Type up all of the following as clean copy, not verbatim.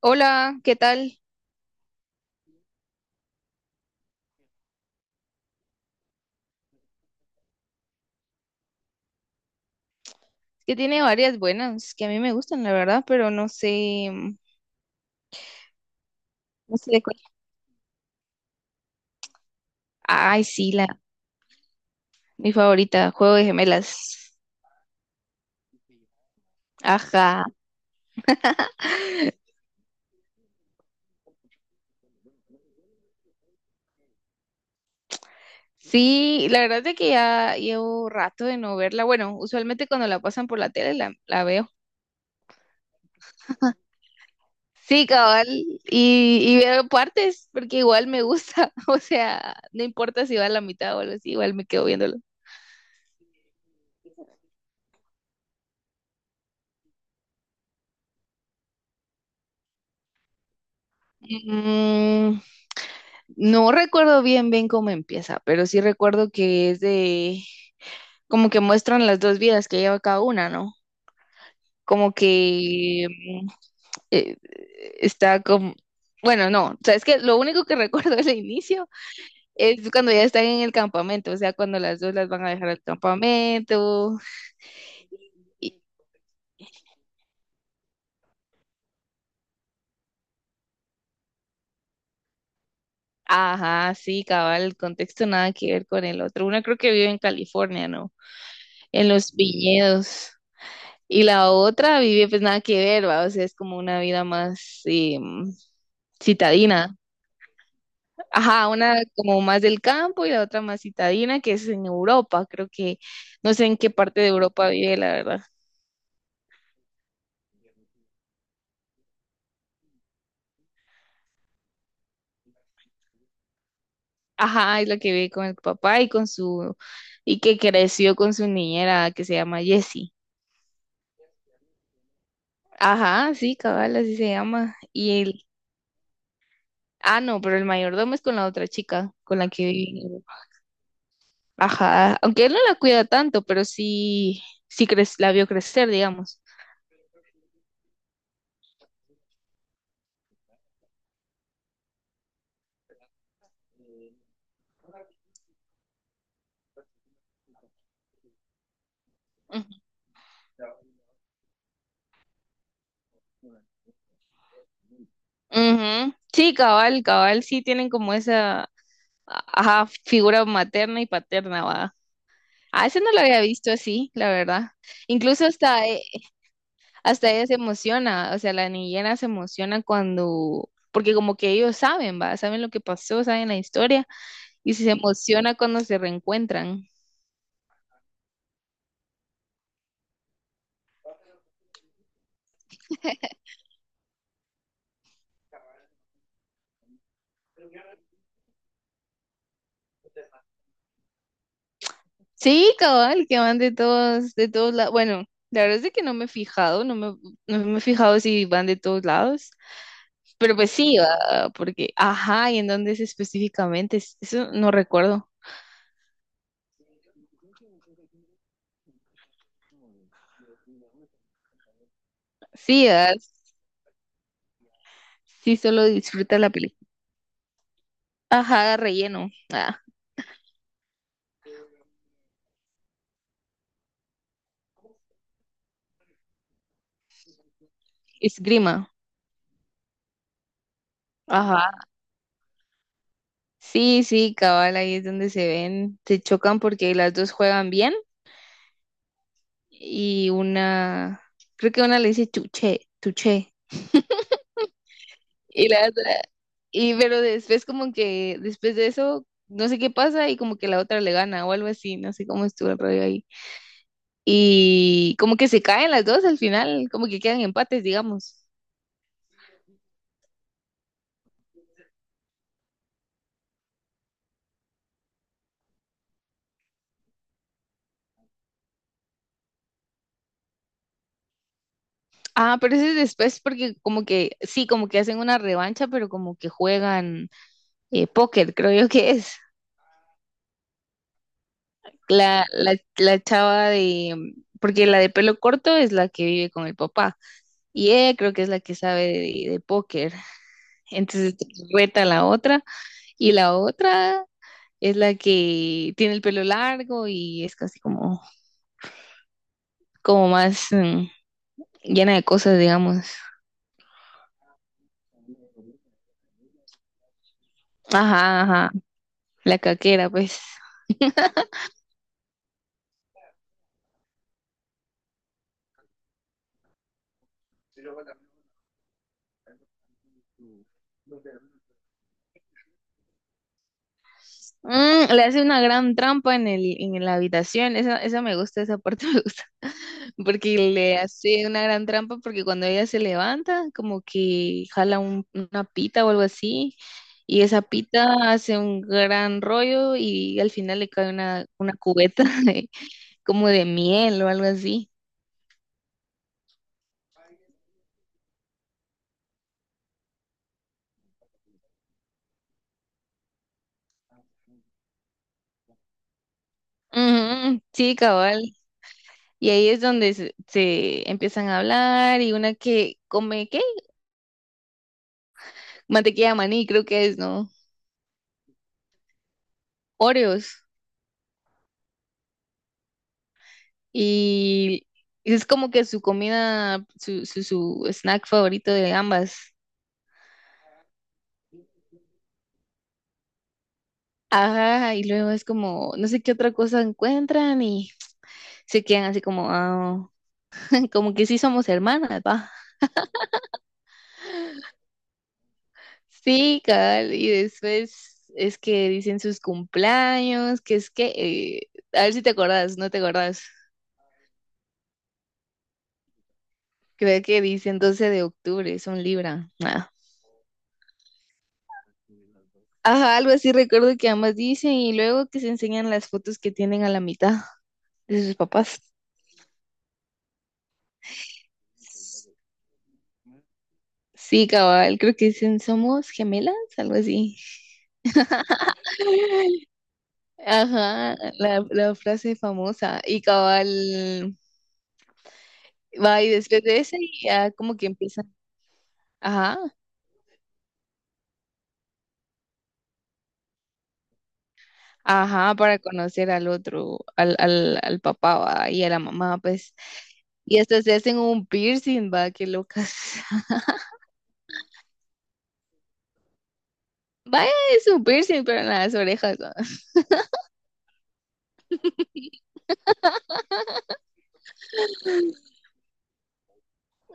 Hola, ¿qué tal? Que tiene varias buenas que a mí me gustan, la verdad, pero no sé, no sé de cuál. Ay, sí, la mi favorita, Juego de Gemelas. Ajá. Sí, la verdad es de que ya llevo rato de no verla. Bueno, usualmente cuando la pasan por la tele la veo. Sí, cabal, y veo partes porque igual me gusta, o sea, no importa si va a la mitad o algo así, igual me quedo viéndolo. Mm, no recuerdo bien bien cómo empieza, pero sí recuerdo que es de como que muestran las dos vidas que lleva cada una, ¿no? Como que mm, eh, está como, bueno, no, o sea, es que lo único que recuerdo del inicio es cuando ya están en el campamento, o sea, cuando las dos las van a dejar al campamento. Y, ajá, sí, cabal, el contexto nada que ver con el otro. Una creo que vive en California, ¿no? En los viñedos. Y la otra vive pues nada que ver, ¿va? O sea, es como una vida más citadina. Ajá, una como más del campo y la otra más citadina, que es en Europa, creo que no sé en qué parte de Europa vive, la verdad. Ajá, es la que vive con el papá y y que creció con su niñera que se llama Jessie. Ajá, sí, cabal, así se llama. Ah, no, pero el mayordomo es con la otra chica, con la que vive en Europa. Ajá, aunque él no la cuida tanto, pero sí, la vio crecer, digamos. Ujú. Ujú. Sí, cabal, sí tienen como esa, ajá, figura materna y paterna, va. Ah, ese no lo había visto así, la verdad. Incluso hasta, e- hasta ella se emociona, o sea, la niñera se emociona cuando, porque como que ellos saben, va, saben lo que pasó, saben la historia, y se emociona cuando se reencuentran. Sí, cabal, que van de todos lados. Bueno, la verdad es que no me he fijado, no me he fijado si van de todos lados, pero pues sí, va, porque, ajá, ¿y en dónde es específicamente? Eso no recuerdo. Sí, ¿verdad? Sí, solo disfruta la película. Ajá, relleno. Ah, esgrima. Ajá. Sí, sí, cabal, ahí es donde se ven, se chocan porque las dos juegan bien y una, creo que una le dice tuche, tuche. Y la otra, y pero después como que, después de eso, no sé qué pasa y como que la otra le gana o algo así, no sé cómo estuvo el rollo ahí. Y como que se caen las dos al final, como que quedan empates, digamos. Ah, pero ese es después porque como que, sí, como que hacen una revancha, pero como que juegan póker, creo yo que es. La chava porque la de pelo corto es la que vive con el papá. Y ella creo que es la que sabe de póker. Entonces reta a la otra. Y la otra es la que tiene el pelo largo y es casi como, como más llena de cosas, digamos. Ajá. La caquera, pues. Le hace una gran trampa en la habitación. Esa me gusta, esa parte me gusta. Porque le hace una gran trampa porque cuando ella se levanta, como que jala una pita o algo así. Y esa pita hace un gran rollo y al final le cae una cubeta como de miel o algo así. Ujú, sí, cabal. Y ahí es donde se empiezan a hablar y una que come, ¿qué? Mantequilla de maní, creo que es, ¿no? Oreos. Y es como que su comida, su snack favorito de ambas. Ajá, y luego es como, no sé qué otra cosa encuentran y se quedan así como, "Ah", como que sí somos hermanas, va. Sí, cabal, y después es que dicen sus cumpleaños, que es que, a ver si te acordás, no te acordás. Creo que dicen 12 de octubre, son Libra. Ah. Ajá, algo así recuerdo que ambas dicen y luego que se enseñan las fotos que tienen a la mitad de sus papás. Sí, cabal, creo que dicen somos gemelas, algo así. Ajá, la frase famosa. Y cabal, va y después de ese ya como que empiezan, ajá, ajá, para conocer al otro, al papá va, y a la mamá, pues. Y hasta se hacen un piercing, va, qué locas. Vaya, es un piercing, pero en las orejas, va.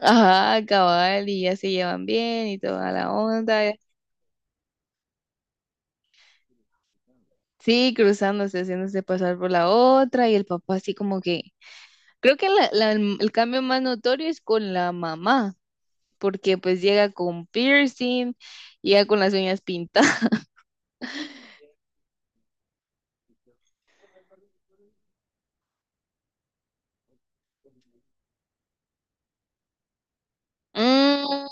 Ajá, cabal, y ya se llevan bien y toda la onda. Sí, cruzándose, haciéndose pasar por la otra y el papá así como que... Creo que el cambio más notorio es con la mamá, porque pues llega con piercing, llega con las uñas pintadas. Mm,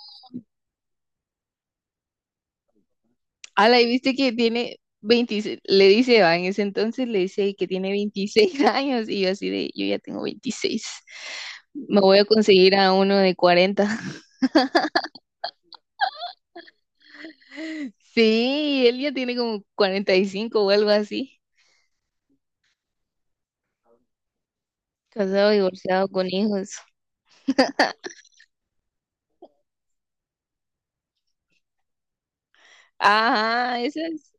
ala, y viste que tiene 26. Le dice, va, en ese entonces le dice que tiene 26 años y yo así de, yo ya tengo 26, me voy a conseguir a uno de 40. Sí, él ya tiene como 45 o algo así, casado, divorciado, con hijos. Ajá, eso es,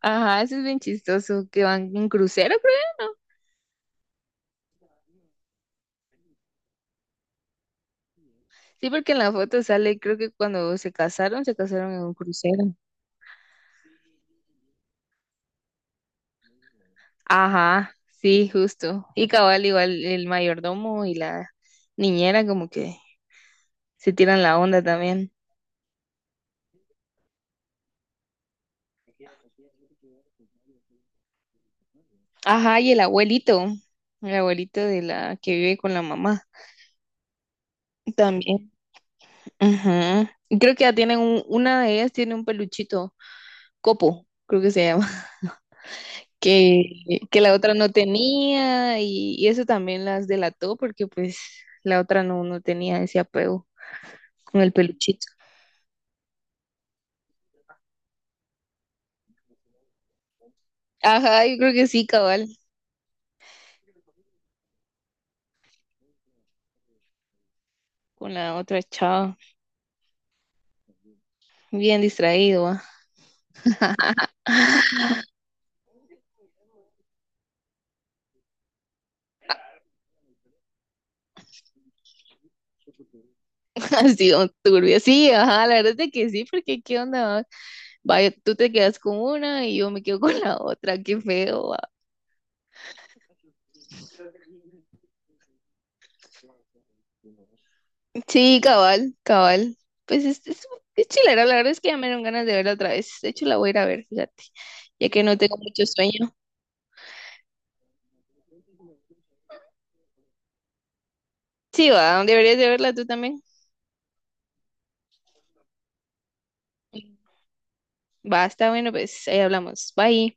ajá, eso es bien chistoso, que van en crucero, creo, ¿no? Sí, porque en la foto sale, creo que cuando se casaron en un crucero. Ajá, sí, justo. Y cabal, igual el mayordomo y la niñera como que se tiran la onda también. Ajá, y el abuelito de la que vive con la mamá también. Ajá. Y creo que ya tienen una de ellas tiene un peluchito, Copo, creo que se llama. Que la otra no tenía y eso también las delató porque pues la otra no, no tenía ese apego con el peluchito. Ajá, yo creo que sí, cabal, con la otra chava, bien distraído, va. Así, don turbio, sí, ajá, la verdad es de que sí, porque qué onda, va? Vaya, tú te quedas con una y yo me quedo con la otra, qué feo, va. Sí, cabal, pues es chilera, la verdad es que ya me dieron ganas de verla otra vez, de hecho la voy a ir a ver, fíjate, ya que no tengo mucho sueño. Sí, va, deberías de verla tú también. Va, está bueno, pues ahí hablamos. Bye.